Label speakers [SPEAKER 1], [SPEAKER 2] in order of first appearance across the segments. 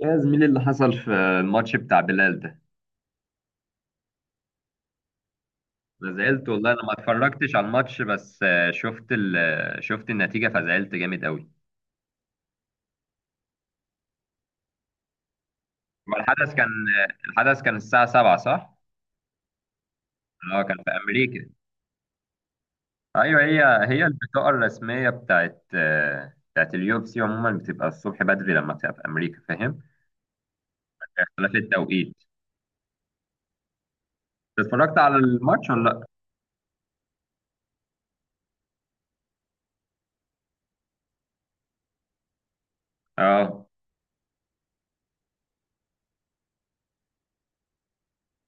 [SPEAKER 1] يا زميلي اللي حصل في الماتش بتاع بلال ده. انا زعلت والله، انا ما اتفرجتش على الماتش بس آه، شفت ال... آه، شفت النتيجة فزعلت جامد قوي. ما الحدث كان الساعة 7، صح؟ اه، كان في امريكا. ايوه. هي البطاقة الرسمية بتاعت اليو اف سي عموما بتبقى الصبح بدري لما بتبقى في امريكا، فاهم؟ اختلاف التوقيت. اتفرجت على الماتش ولا لا؟ اه،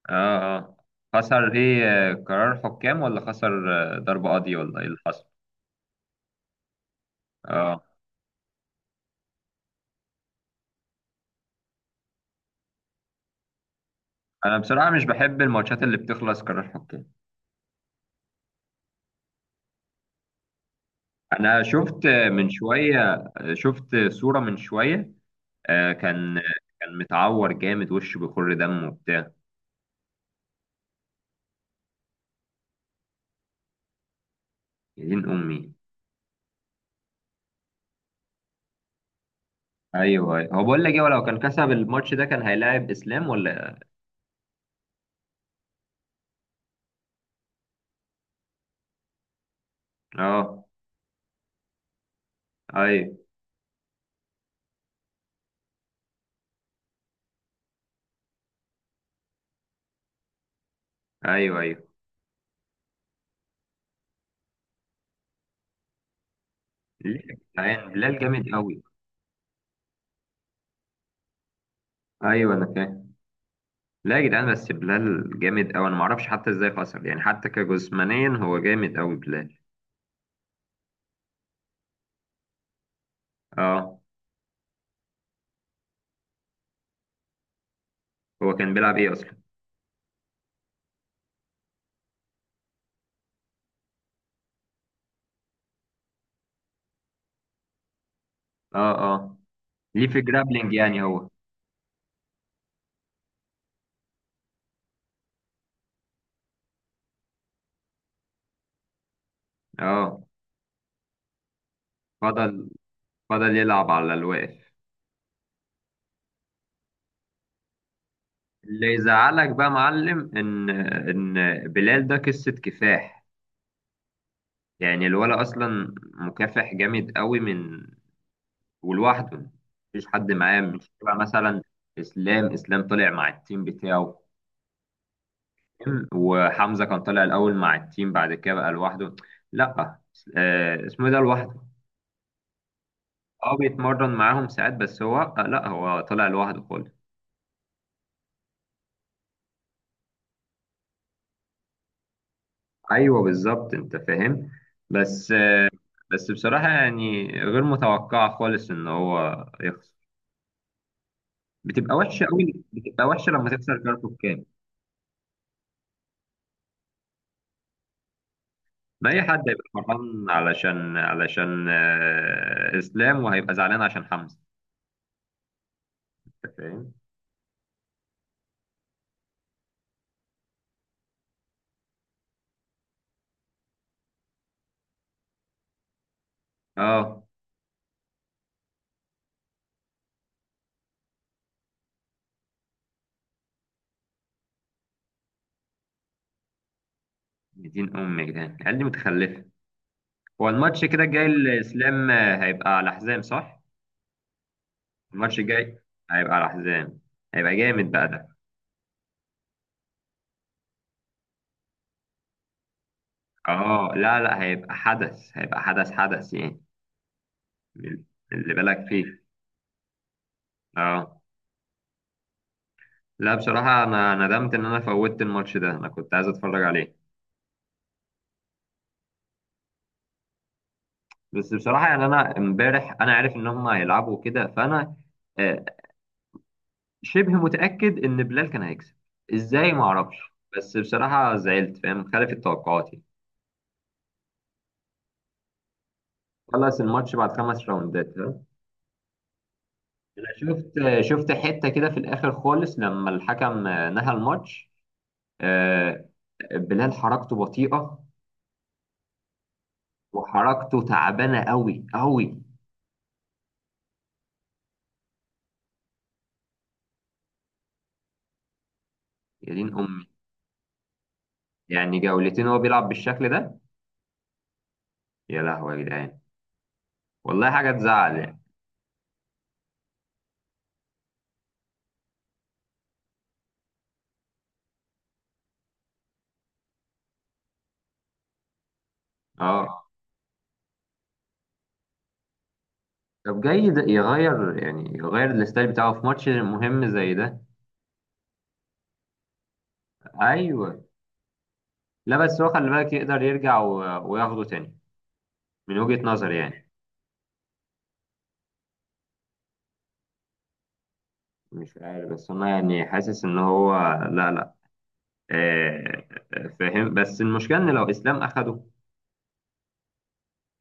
[SPEAKER 1] اه، اه. خسر ايه، قرار حكام، ولا خسر ضربة قاضية، ولا ايه اللي حصل؟ اه. انا بصراحه مش بحب الماتشات اللي بتخلص قرار حكام. انا شفت من شويه، شفت صوره من شويه. آه، كان كان متعور جامد، وشه بيخر دم وبتاع. يا دين امي. ايوه، أيوه. هو بقول لك ايه، هو لو كان كسب الماتش ده كان هيلاعب اسلام ولا؟ اه. ايوه، ايوه، ايوه. ليه يا جدعان، بلال جامد قوي. ايوه انا فاهم. لا يا جدعان، بس بلال جامد قوي، انا ما اعرفش حتى ازاي خسر، يعني حتى كجسمانيا هو جامد قوي بلال. اه. هو كان بيلعب ايه اصلا؟ اه، اه. ليه في جرابلينج يعني هو؟ اه، فضل فضل يلعب على الواقف. اللي يزعلك بقى معلم ان بلال ده قصة كفاح، يعني الولا اصلا مكافح جامد قوي، من ولوحده مفيش حد معاه، مش تبع مثلا. اسلام طلع مع التيم بتاعه، وحمزة كان طالع الاول مع التيم بعد كده بقى لوحده. لا، اسمه إيه ده، لوحده. اه، بيتمرن معاهم ساعات بس هو، لا هو طلع لوحده خالص. ايوه بالظبط انت فاهم. بس بس بصراحه يعني غير متوقعه خالص ان هو يخسر، بتبقى وحشه قوي، بتبقى وحشه لما تخسر كاركو كام. ما اي حد هيبقى فرحان علشان اسلام، وهيبقى زعلان عشان حمزه. انت فاهم. اه. دين ام يا جدعان العيال دي متخلفه. هو الماتش كده الجاي الاسلام هيبقى على حزام، صح؟ الماتش الجاي هيبقى على حزام، هيبقى جامد بقى ده. اه. لا لا، هيبقى حدث، هيبقى حدث، حدث يعني. اللي بالك فيه. اه. لا بصراحة أنا ندمت إن أنا فوتت الماتش ده، أنا كنت عايز أتفرج عليه. بس بصراحة يعني، أنا إمبارح أنا عارف إن هم هيلعبوا كده، فأنا آه، شبه متأكد إن بلال كان هيكسب. إزاي ما أعرفش، بس بصراحة زعلت، فاهم؟ خالفت توقعاتي. خلص الماتش بعد 5 راوندات، ها. أنا شفت حتة كده في الآخر خالص لما الحكم نهى الماتش. آه، بلال حركته بطيئة وحركته تعبانة أوي أوي. يا دين أمي. يعني جولتين هو بيلعب بالشكل ده؟ يا لهوي يا جدعان. والله حاجه تزعل يعني. اه. طب جاي ده يغير يعني يغير الستايل بتاعه في ماتش مهم زي ده؟ ايوه. لا بس هو خلي بالك يقدر يرجع و... وياخده تاني، من وجهة نظري يعني. مش عارف، بس انا يعني حاسس ان هو، لا لا، آه فاهم، بس المشكله ان لو اسلام اخده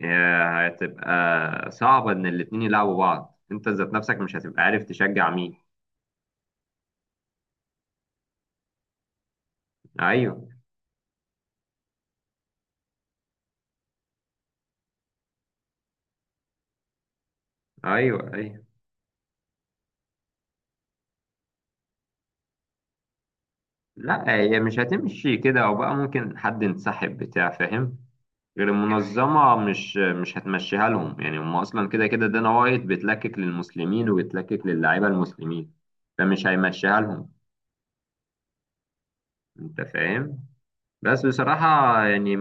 [SPEAKER 1] هتبقى صعبه ان الاتنين يلعبوا بعض. انت ذات نفسك مش هتبقى عارف تشجع مين. ايوه، ايوه، ايوه. لا هي مش هتمشي كده، او بقى ممكن حد ينسحب بتاع فاهم؟ غير المنظمة مش هتمشيها لهم، يعني هم اصلا كده كده، دانا وايت بتلكك للمسلمين وبتلكك للاعيبة المسلمين، فمش هيمشيها لهم. انت فاهم. بس بصراحة يعني،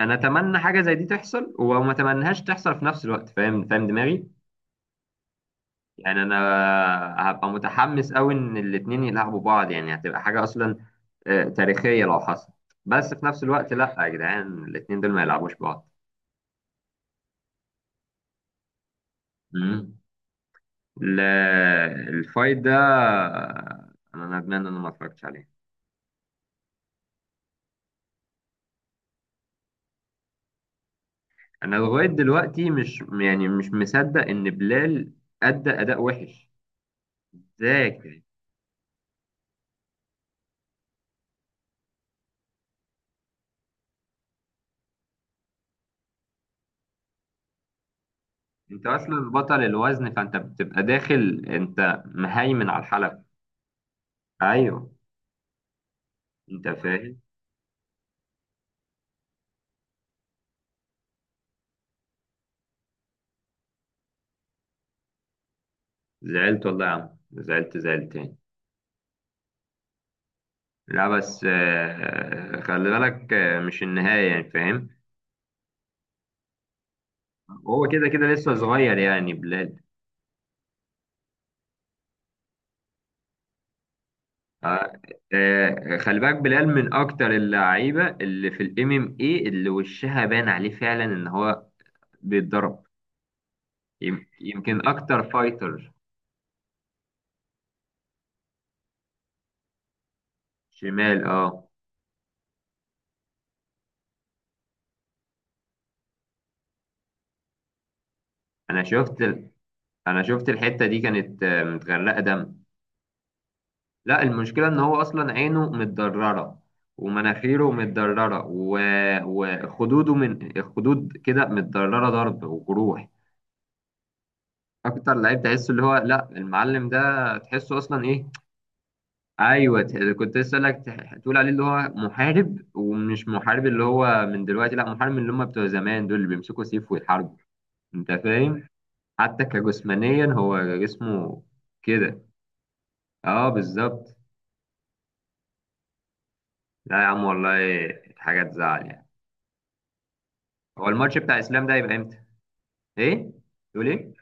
[SPEAKER 1] انا اتمنى حاجة زي دي تحصل وما اتمنهاش تحصل في نفس الوقت، فاهم؟ فاهم دماغي. يعني انا هبقى متحمس قوي ان الاتنين يلعبوا بعض، يعني هتبقى حاجه اصلا تاريخيه لو حصل. بس في نفس الوقت، لا يا جدعان الاتنين دول ما يلعبوش بعض. مم. لا الفايت ده، انا ندمان ان انا ما اتفرجتش عليه. انا لغايه دلوقتي مش يعني مش مصدق ان بلال ادى اداء وحش. ازاي كده؟ انت اصلا بطل الوزن، فانت بتبقى داخل انت مهيمن على الحلبة. ايوه. انت فاهم. زعلت والله يا عم، زعلت زعلتين. لا بس خلي بالك مش النهاية يعني، فاهم. هو كده كده لسه صغير يعني بلال. آه، خلي بالك بلال من أكتر اللعيبة اللي في الام ام اي، اللي وشها باين عليه فعلا إن هو بيتضرب. يمكن أكتر فايتر. شمال اه. أنا شفت أنا شفت الحتة دي كانت متغرقة دم. لا المشكلة إن هو أصلا عينه متضررة ومناخيره متضررة و... وخدوده من خدود كده متضررة، ضرب وجروح. أكتر لعيب تحسه اللي هو لا، المعلم ده تحسه أصلا إيه. أيوه، كنت لسه أقولك تقول عليه اللي هو محارب ومش محارب، اللي هو من دلوقتي، لا محارب من اللي هم بتوع زمان دول اللي بيمسكوا سيف ويحاربوا. أنت فاهم. حتى كجسمانيا هو جسمه كده. أه بالظبط. لا يا عم والله حاجة تزعل يعني. هو الماتش بتاع اسلام ده هيبقى امتى؟ ايه؟ تقول ايه؟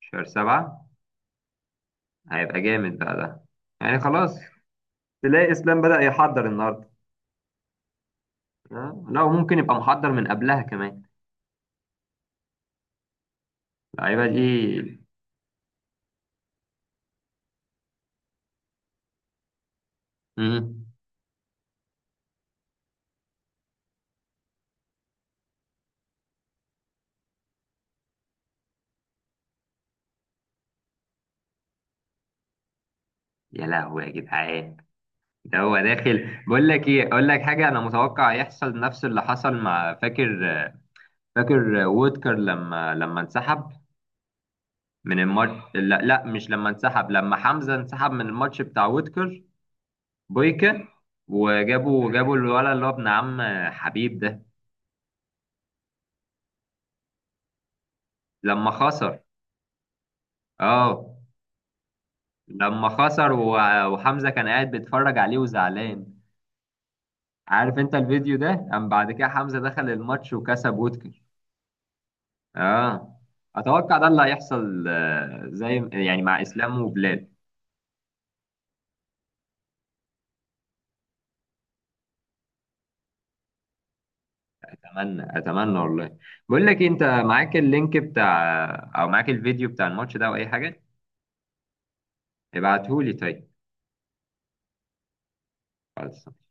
[SPEAKER 1] شهر 7؟ هيبقى جامد بقى ده. يعني خلاص تلاقي اسلام بدأ يحضر النهارده. لا وممكن يبقى محضر من قبلها كمان، اللعيبه دي. مم. يا لهوي يا جدعان. ده هو داخل، بقول لك ايه، اقول لك حاجه: انا متوقع يحصل نفس اللي حصل مع، فاكر وودكر لما انسحب من الماتش؟ لا لا، مش لما انسحب، لما حمزه انسحب من الماتش بتاع وودكر. بويكا. وجابوا الولد اللي هو ابن عم حبيب ده لما خسر. اه، لما خسر و- وحمزة كان قاعد بيتفرج عليه وزعلان. عارف انت الفيديو ده، قام بعد كده حمزة دخل الماتش وكسب وودكر. اه. اتوقع ده اللي هيحصل زي يعني مع اسلام وبلاد. اتمنى اتمنى والله. بقول لك إيه، انت معاك اللينك بتاع، او معاك الفيديو بتاع الماتش ده، او اي حاجة؟ ابعتهولي طيب. خلاص.